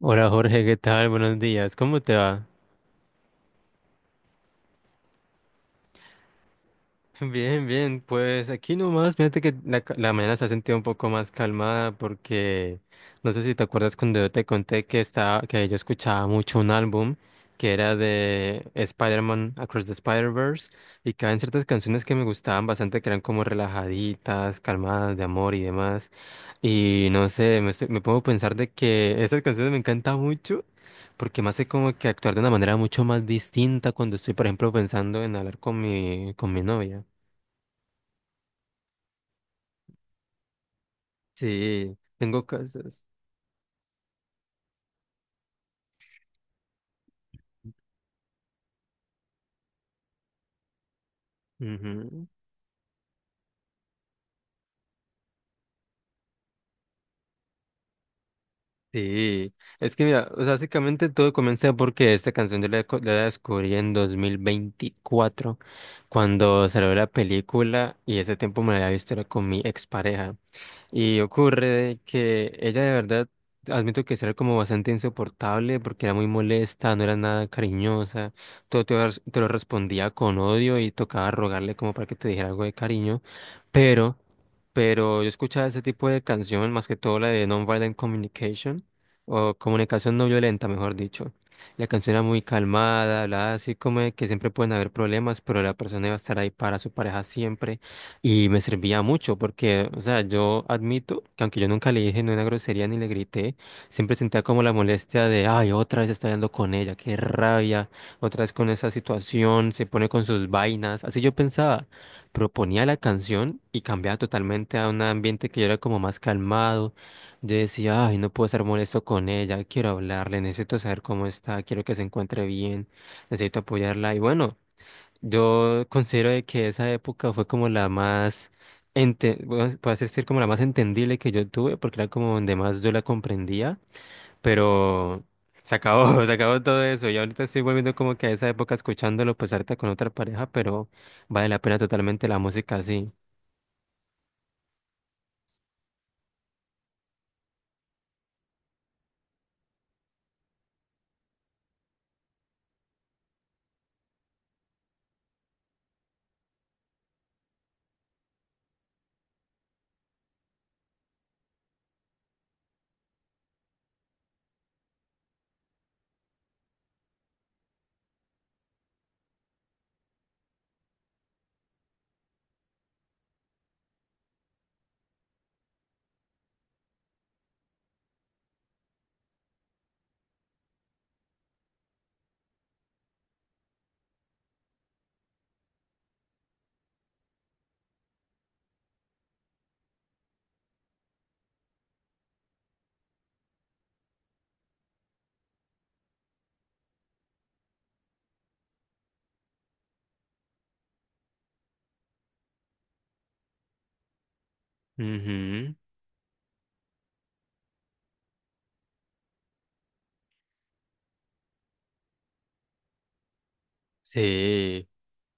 Hola Jorge, ¿qué tal? Buenos días, ¿cómo te va? Bien, bien, pues aquí nomás, fíjate que la mañana se ha sentido un poco más calmada porque no sé si te acuerdas cuando yo te conté que yo escuchaba mucho un álbum que era de Spider-Man Across the Spider-Verse y que había ciertas canciones que me gustaban bastante que eran como relajaditas, calmadas, de amor y demás. Y no sé, me pongo a pensar de que estas canciones me encantan mucho porque me hace como que actuar de una manera mucho más distinta cuando estoy, por ejemplo, pensando en hablar con mi novia. Sí, tengo casas. Ujú. Sí, es que mira, o sea, básicamente todo comenzó porque esta canción yo la descubrí en 2024 cuando salió la película y ese tiempo me la había visto era con mi expareja. Y ocurre que ella de verdad, admito que sí era como bastante insoportable porque era muy molesta, no era nada cariñosa, todo te lo respondía con odio y tocaba rogarle como para que te dijera algo de cariño, pero, yo escuchaba ese tipo de canción, más que todo la de Nonviolent Communication, o comunicación no violenta, mejor dicho. La canción era muy calmada, hablaba así como de que siempre pueden haber problemas, pero la persona iba a estar ahí para su pareja siempre. Y me servía mucho porque, o sea, yo admito que aunque yo nunca le dije ni una grosería ni le grité, siempre sentía como la molestia de, ay, otra vez está hablando con ella, qué rabia, otra vez con esa situación, se pone con sus vainas. Así yo pensaba, proponía la canción y cambiaba totalmente a un ambiente que yo era como más calmado. Yo decía, ay, no puedo estar molesto con ella, quiero hablarle, necesito saber cómo está, quiero que se encuentre bien, necesito apoyarla. Y bueno. Yo considero de que esa época fue como la más, bueno, puede decir como la más entendible que yo tuve, porque era como donde más yo la comprendía, pero se acabó, se acabó todo eso. Y ahorita estoy volviendo como que a esa época escuchándolo, pues ahorita con otra pareja, pero vale la pena totalmente la música así. Ujú. Sí.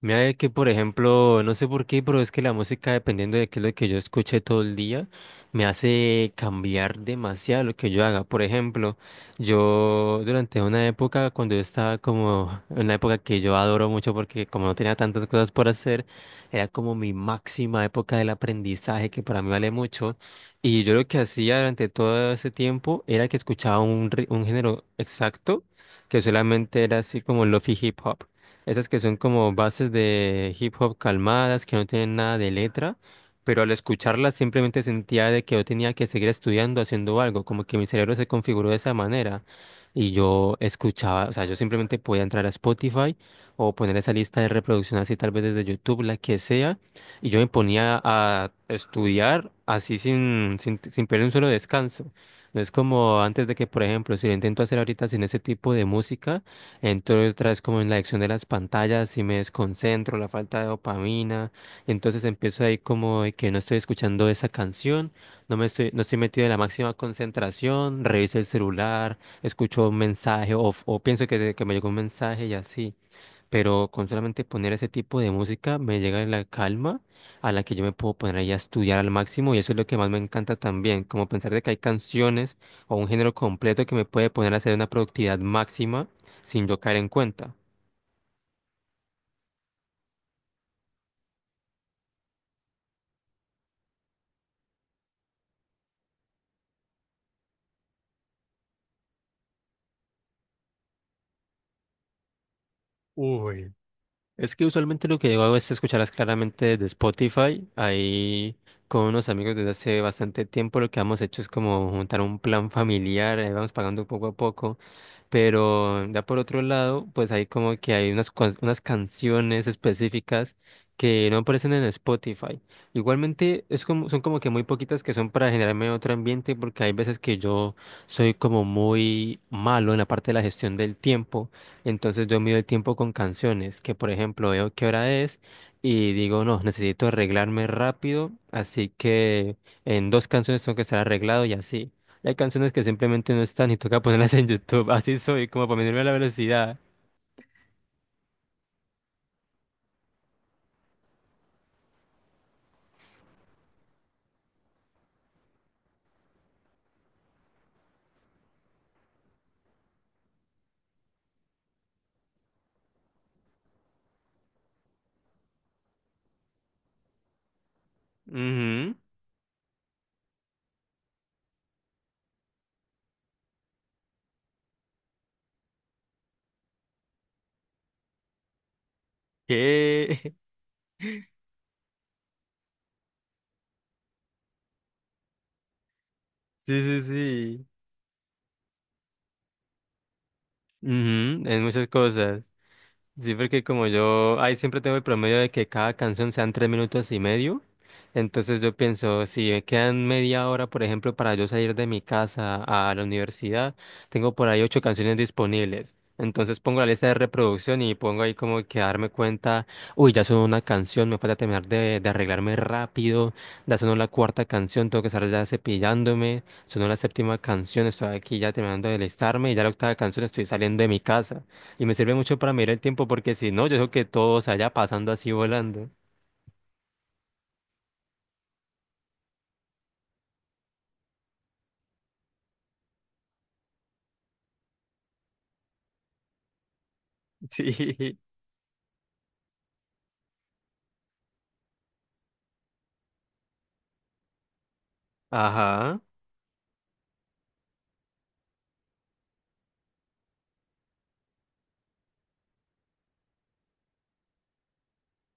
Mira que, por ejemplo, no sé por qué, pero es que la música, dependiendo de qué es lo que yo escuche todo el día, me hace cambiar demasiado lo que yo haga. Por ejemplo, yo durante una época, cuando yo estaba como, una época que yo adoro mucho porque como no tenía tantas cosas por hacer, era como mi máxima época del aprendizaje, que para mí vale mucho. Y yo lo que hacía durante todo ese tiempo era que escuchaba un género exacto, que solamente era así como lofi hip hop. Esas que son como bases de hip hop calmadas, que no tienen nada de letra, pero al escucharlas simplemente sentía de que yo tenía que seguir estudiando, haciendo algo, como que mi cerebro se configuró de esa manera. Y yo escuchaba, o sea, yo simplemente podía entrar a Spotify o poner esa lista de reproducción así tal vez desde YouTube, la que sea, y yo me ponía a estudiar así sin perder un solo descanso. No es como antes de que, por ejemplo, si lo intento hacer ahorita sin ese tipo de música, entro otra vez como en la adicción de las pantallas si me desconcentro, la falta de dopamina. Entonces empiezo ahí como de que no estoy escuchando esa canción, no me estoy, no estoy metido en la máxima concentración, reviso el celular, escucho un mensaje o pienso que me llegó un mensaje y así, pero con solamente poner ese tipo de música me llega la calma a la que yo me puedo poner ahí a estudiar al máximo y eso es lo que más me encanta también, como pensar de que hay canciones o un género completo que me puede poner a hacer una productividad máxima sin yo caer en cuenta. Es que usualmente lo que yo hago es escucharlas claramente desde Spotify. Ahí con unos amigos desde hace bastante tiempo lo que hemos hecho es como juntar un plan familiar, vamos pagando poco a poco. Pero ya por otro lado, pues hay como que hay unas canciones específicas que no aparecen en Spotify. Igualmente es como, son como que muy poquitas que son para generarme otro ambiente porque hay veces que yo soy como muy malo en la parte de la gestión del tiempo. Entonces yo mido el tiempo con canciones, que por ejemplo veo qué hora es y digo, no, necesito arreglarme rápido, así que en dos canciones tengo que estar arreglado y así. Hay canciones que simplemente no están y toca ponerlas en YouTube. Así soy, como para medirme la velocidad. Ujú. ¿Qué? Sí, sí, sí. Ujú. En muchas cosas. Sí, porque como yo ahí siempre tengo el promedio de que cada canción sean 3 minutos y medio, entonces yo pienso, si me quedan media hora, por ejemplo, para yo salir de mi casa a la universidad, tengo por ahí ocho canciones disponibles. Entonces pongo la lista de reproducción y pongo ahí como que darme cuenta, uy, ya sonó una canción, me falta terminar de arreglarme rápido, ya sonó la cuarta canción, tengo que estar ya cepillándome, sonó la séptima canción, estoy aquí ya terminando de listarme y ya la octava canción estoy saliendo de mi casa. Y me sirve mucho para mirar el tiempo porque si no, yo creo que todo se haya pasando así volando. Sí. Ajá.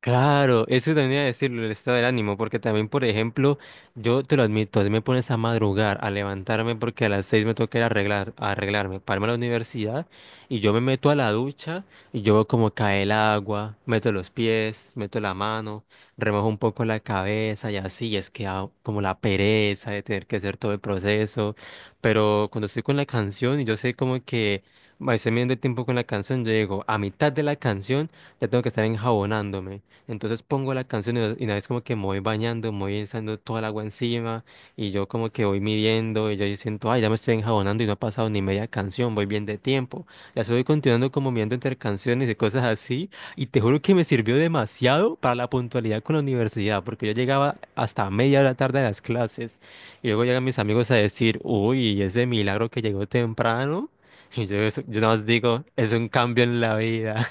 Claro, eso también iba a decirlo, el estado del ánimo, porque también, por ejemplo, yo te lo admito, si me pones a madrugar, a levantarme, porque a las 6 me toca ir a arreglarme, para irme a la universidad, y yo me meto a la ducha, y yo veo como cae el agua, meto los pies, meto la mano, remojo un poco la cabeza, y así, es que ah, como la pereza de tener que hacer todo el proceso, pero cuando estoy con la canción, y yo sé como que... Estoy midiendo el tiempo con la canción, yo digo, a mitad de la canción ya tengo que estar enjabonándome. Entonces pongo la canción y no, y una vez como que me voy bañando, me voy echando toda el agua encima y yo como que voy midiendo y yo ahí siento, ay, ya me estoy enjabonando y no ha pasado ni media canción, voy bien de tiempo. Ya estoy continuando como mirando entre canciones y cosas así y te juro que me sirvió demasiado para la puntualidad con la universidad porque yo llegaba hasta media hora tarde a las clases y luego llegan mis amigos a decir, uy, ese milagro que llegó temprano. Y yo, yo nada más digo, es un cambio en la vida.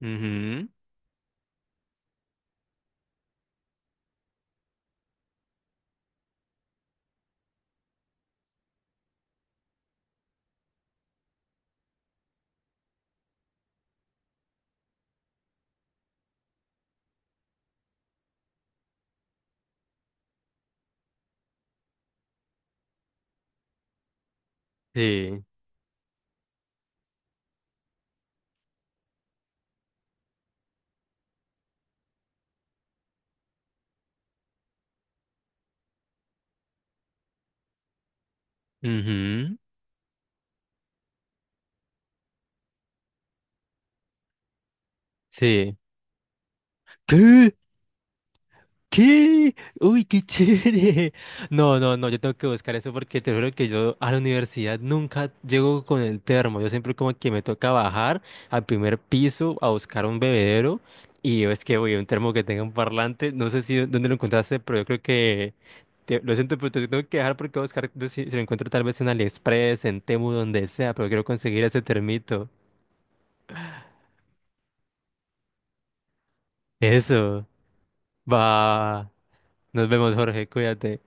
Ujú. Sí. Ujú. Sí. ¿Qué? ¿Qué? Uy, qué chévere. No, no, no, yo tengo que buscar eso porque te juro que yo a la universidad nunca llego con el termo. Yo siempre como que me toca bajar al primer piso a buscar un bebedero y yo es que voy a un termo que tenga un parlante. No sé si dónde lo encontraste, pero yo creo que lo siento, pero te tengo que dejar porque voy a buscar no si lo encuentro tal vez en AliExpress, en Temu, donde sea, pero quiero conseguir ese termito. Eso. Va. Nos vemos, Jorge. Cuídate.